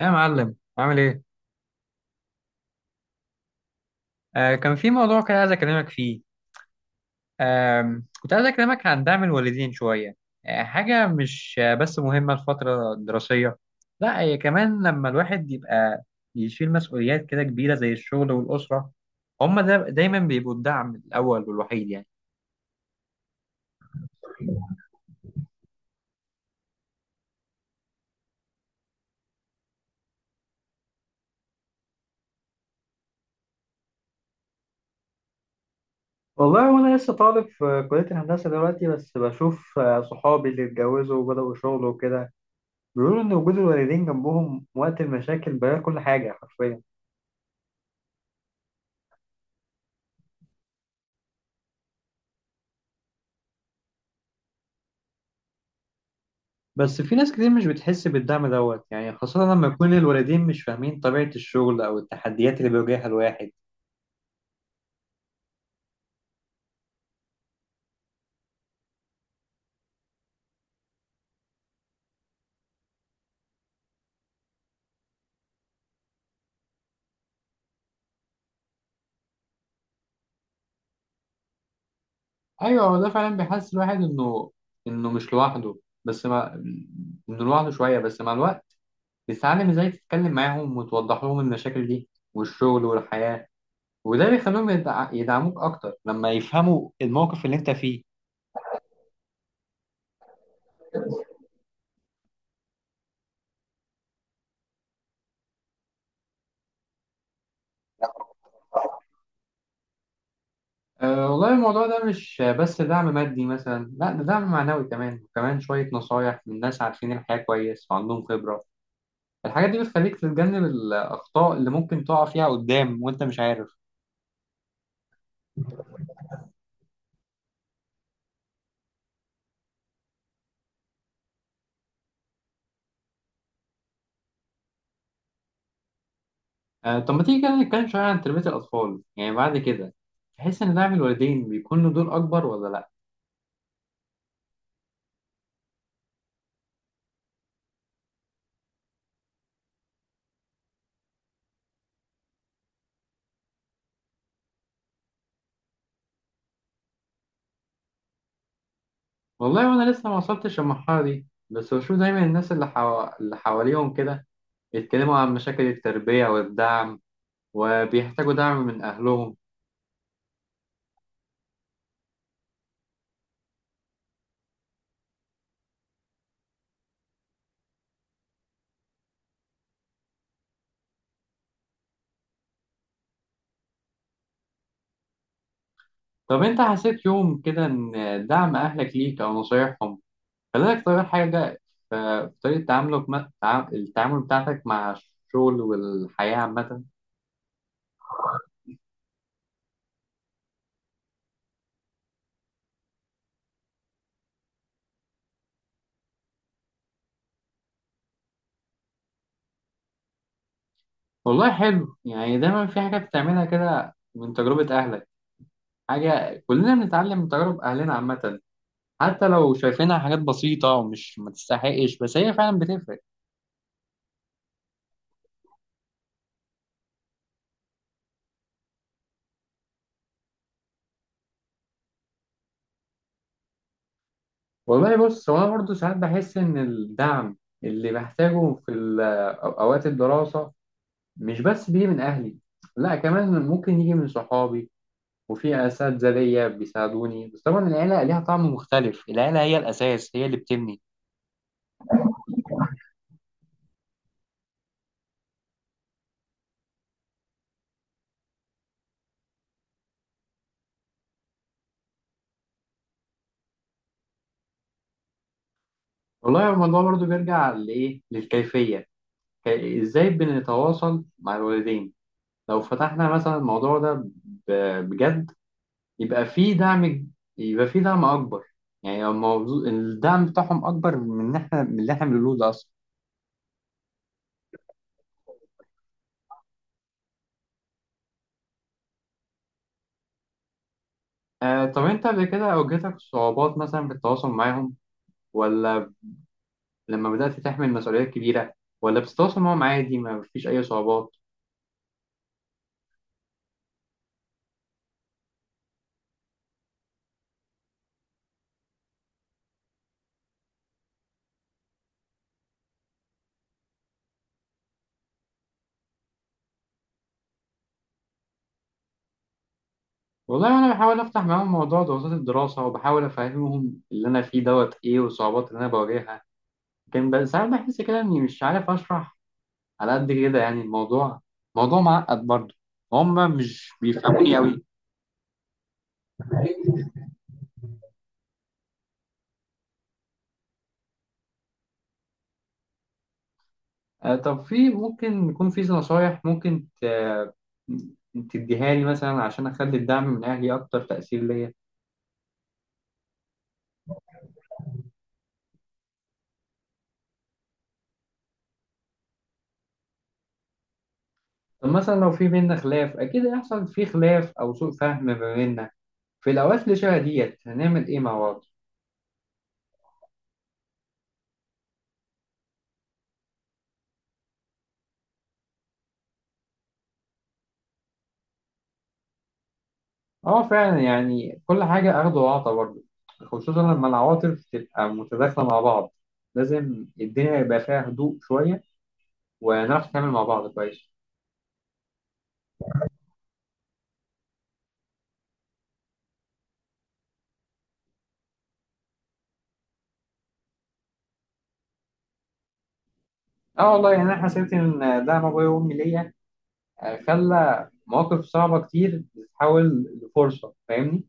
يا معلم عامل ايه؟ كان في موضوع كده عايز اكلمك فيه. كنت عايز اكلمك عن دعم الوالدين شوية. حاجة مش بس مهمة الفترة الدراسية. لا، هي كمان لما الواحد يبقى يشيل مسؤوليات كده كبيرة زي الشغل والأسرة، هما دا دايما بيبقوا الدعم الأول والوحيد يعني. والله وانا لسه طالب في كلية الهندسة دلوقتي، بس بشوف صحابي اللي اتجوزوا وبدأوا شغل وكده بيقولوا ان وجود الوالدين جنبهم وقت المشاكل بيغير كل حاجة حرفيا. بس في ناس كتير مش بتحس بالدعم دوت يعني، خاصة لما يكون الوالدين مش فاهمين طبيعة الشغل أو التحديات اللي بيواجهها الواحد. ايوه، هو ده فعلا بيحس الواحد انه مش لوحده. بس مع انه لوحده شويه، بس مع الوقت بتتعلم ازاي تتكلم معاهم وتوضح لهم المشاكل دي والشغل والحياه، وده بيخليهم يدعموك اكتر لما يفهموا الموقف اللي انت فيه. والله الموضوع ده مش بس دعم مادي مثلا، لا ده دعم معنوي كمان، وكمان شويه نصايح من ناس عارفين الحياه كويس وعندهم خبره. الحاجات دي بتخليك تتجنب الأخطاء اللي ممكن تقع فيها قدام وأنت مش عارف. طب ما تيجي كده نتكلم شوية عن تربية الأطفال، يعني بعد كده تحس إن دعم الوالدين بيكون له دور أكبر ولا لأ؟ والله وأنا لسه ما وصلتش للمرحلة دي، بس بشوف دايما الناس اللي حواليهم كده يتكلموا عن مشاكل التربية والدعم وبيحتاجوا دعم من أهلهم. طب أنت حسيت يوم كده إن دعم أهلك ليك أو نصايحهم، خلي بالك طبعا، حاجة في طريقة تعاملك، التعامل بتاعتك مع الشغل والحياة عامة. والله حلو، يعني دايما في حاجة بتعملها كده من تجربة أهلك. حاجة كلنا بنتعلم من تجارب أهلنا عامة، حتى لو شايفينها حاجات بسيطة ومش ما تستحقش، بس هي فعلا بتفرق. والله بص، هو أنا برضه ساعات بحس إن الدعم اللي بحتاجه في أوقات الدراسة مش بس بيجي من أهلي، لا كمان ممكن يجي من صحابي وفي أساتذة ليا بيساعدوني، بس طبعا العيلة ليها طعم مختلف، العيلة هي الأساس، هي اللي بتبني. والله الموضوع برضو بيرجع لإيه، للكيفية، إزاي بنتواصل مع الوالدين. لو فتحنا مثلا الموضوع ده بجد، يبقى في دعم، يبقى في دعم أكبر. يعني الموضوع الدعم بتاعهم أكبر من إن إحنا من اللي إحنا بنقوله ده أصلا. طب أنت قبل كده واجهتك صعوبات مثلا في التواصل معاهم؟ ولا لما بدأت تحمل مسؤوليات كبيرة، ولا بتتواصل معاهم عادي ما فيش أي صعوبات؟ والله انا بحاول افتح معاهم موضوع ضغوطات الدراسه وبحاول افهمهم اللي انا فيه دوت ايه والصعوبات اللي انا بواجهها، لكن بس ساعات بحس كده اني مش عارف اشرح على قد كده، يعني الموضوع موضوع معقد برضه، هم مش بيفهموني قوي. طب في، ممكن يكون في نصايح ممكن تديها لي مثلا عشان اخلي الدعم من اهلي اكتر تاثير ليا؟ طب مثلا لو في بينا خلاف، اكيد هيحصل في خلاف او سوء فهم ما بيننا، في الاوقات اللي شبه ديت هنعمل ايه مع بعض؟ اه فعلا، يعني كل حاجة أخد وعطا برضه، خصوصا لما العواطف تبقى متداخلة مع بعض، لازم الدنيا يبقى فيها هدوء شوية، ونعرف نتعامل مع بعض كويس. اه والله، يعني أنا حسيت إن دعم أبويا وأمي ليا خلى مواقف صعبة كتير تتحول لفرصة، فاهمني؟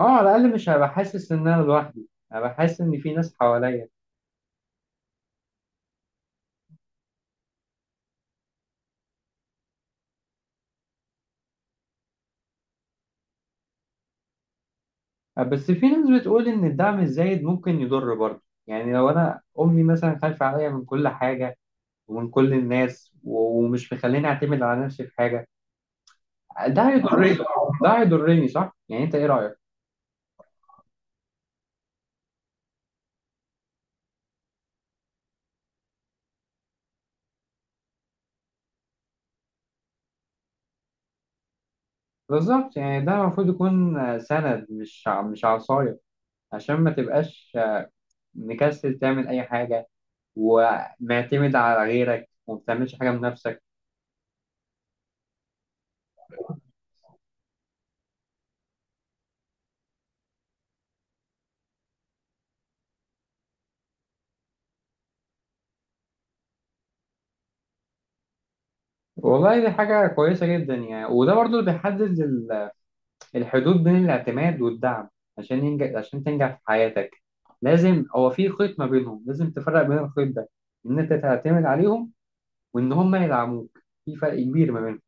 اه، على الأقل مش هبقى حاسس إن أنا لوحدي، هبقى حاسس إن في ناس حواليا. بس في ناس بتقول إن الدعم الزايد ممكن يضر برضه، يعني لو أنا أمي مثلا خايفة عليا من كل حاجة ومن كل الناس ومش مخليني اعتمد على نفسي في حاجه، ده هيضرني. ده هيضرني صح، يعني انت ايه رايك؟ بالظبط، يعني ده المفروض يكون سند، مش عصايه، عشان ما تبقاش مكسل تعمل اي حاجه ومعتمد على غيرك وما بتعملش حاجه من نفسك. والله دي حاجه كويسه جدا، يعني وده برضو اللي بيحدد الحدود بين الاعتماد والدعم. عشان ينجح، عشان تنجح في حياتك لازم، هو في خيط ما بينهم، لازم تفرق بين الخيط ده، ان انت تعتمد عليهم وان هم يدعموك، في فرق كبير ما بينهم.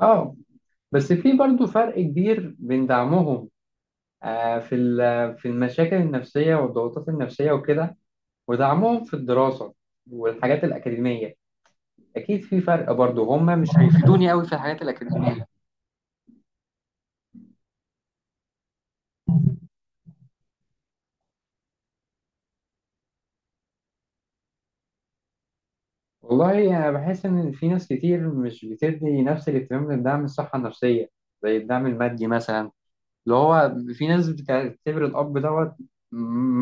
اه، بس في برضو فرق كبير بين دعمهم في في المشاكل النفسية والضغوطات النفسية وكده، ودعمهم في الدراسة والحاجات الأكاديمية، أكيد في فرق برضو. هم مش بيفيدوني أوي في الحاجات الأكاديمية. والله أنا بحس إن في ناس كتير مش بتدي نفس الاهتمام للدعم الصحة النفسية زي الدعم المادي مثلا، اللي هو في ناس بتعتبر الأب دوت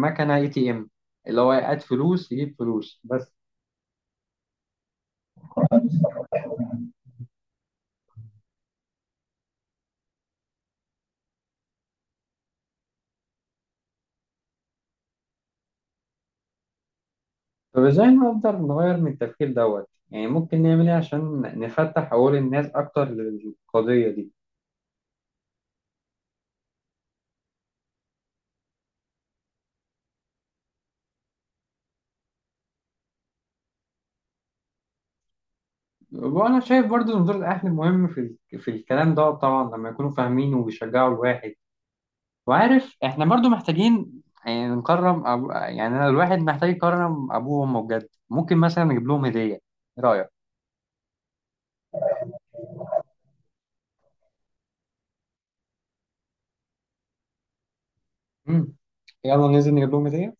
مكنة ATM، اللي هو يقعد فلوس يجيب فلوس بس. طب ازاي نقدر نغير من التفكير دوت، يعني ممكن نعمل ايه عشان نفتح عقول الناس اكتر للقضية دي؟ وانا شايف برضو ان دور الاهل مهم في في الكلام دوت، طبعا لما يكونوا فاهمين وبيشجعوا الواحد. وعارف احنا برضو محتاجين يعني يعني أنا الواحد محتاج يكرم ابوه وامه بجد، ممكن مثلا نجيب لهم هدية، ايه رأيك؟ مم. يلا ننزل نجيب لهم هدية.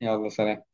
يلا سلام.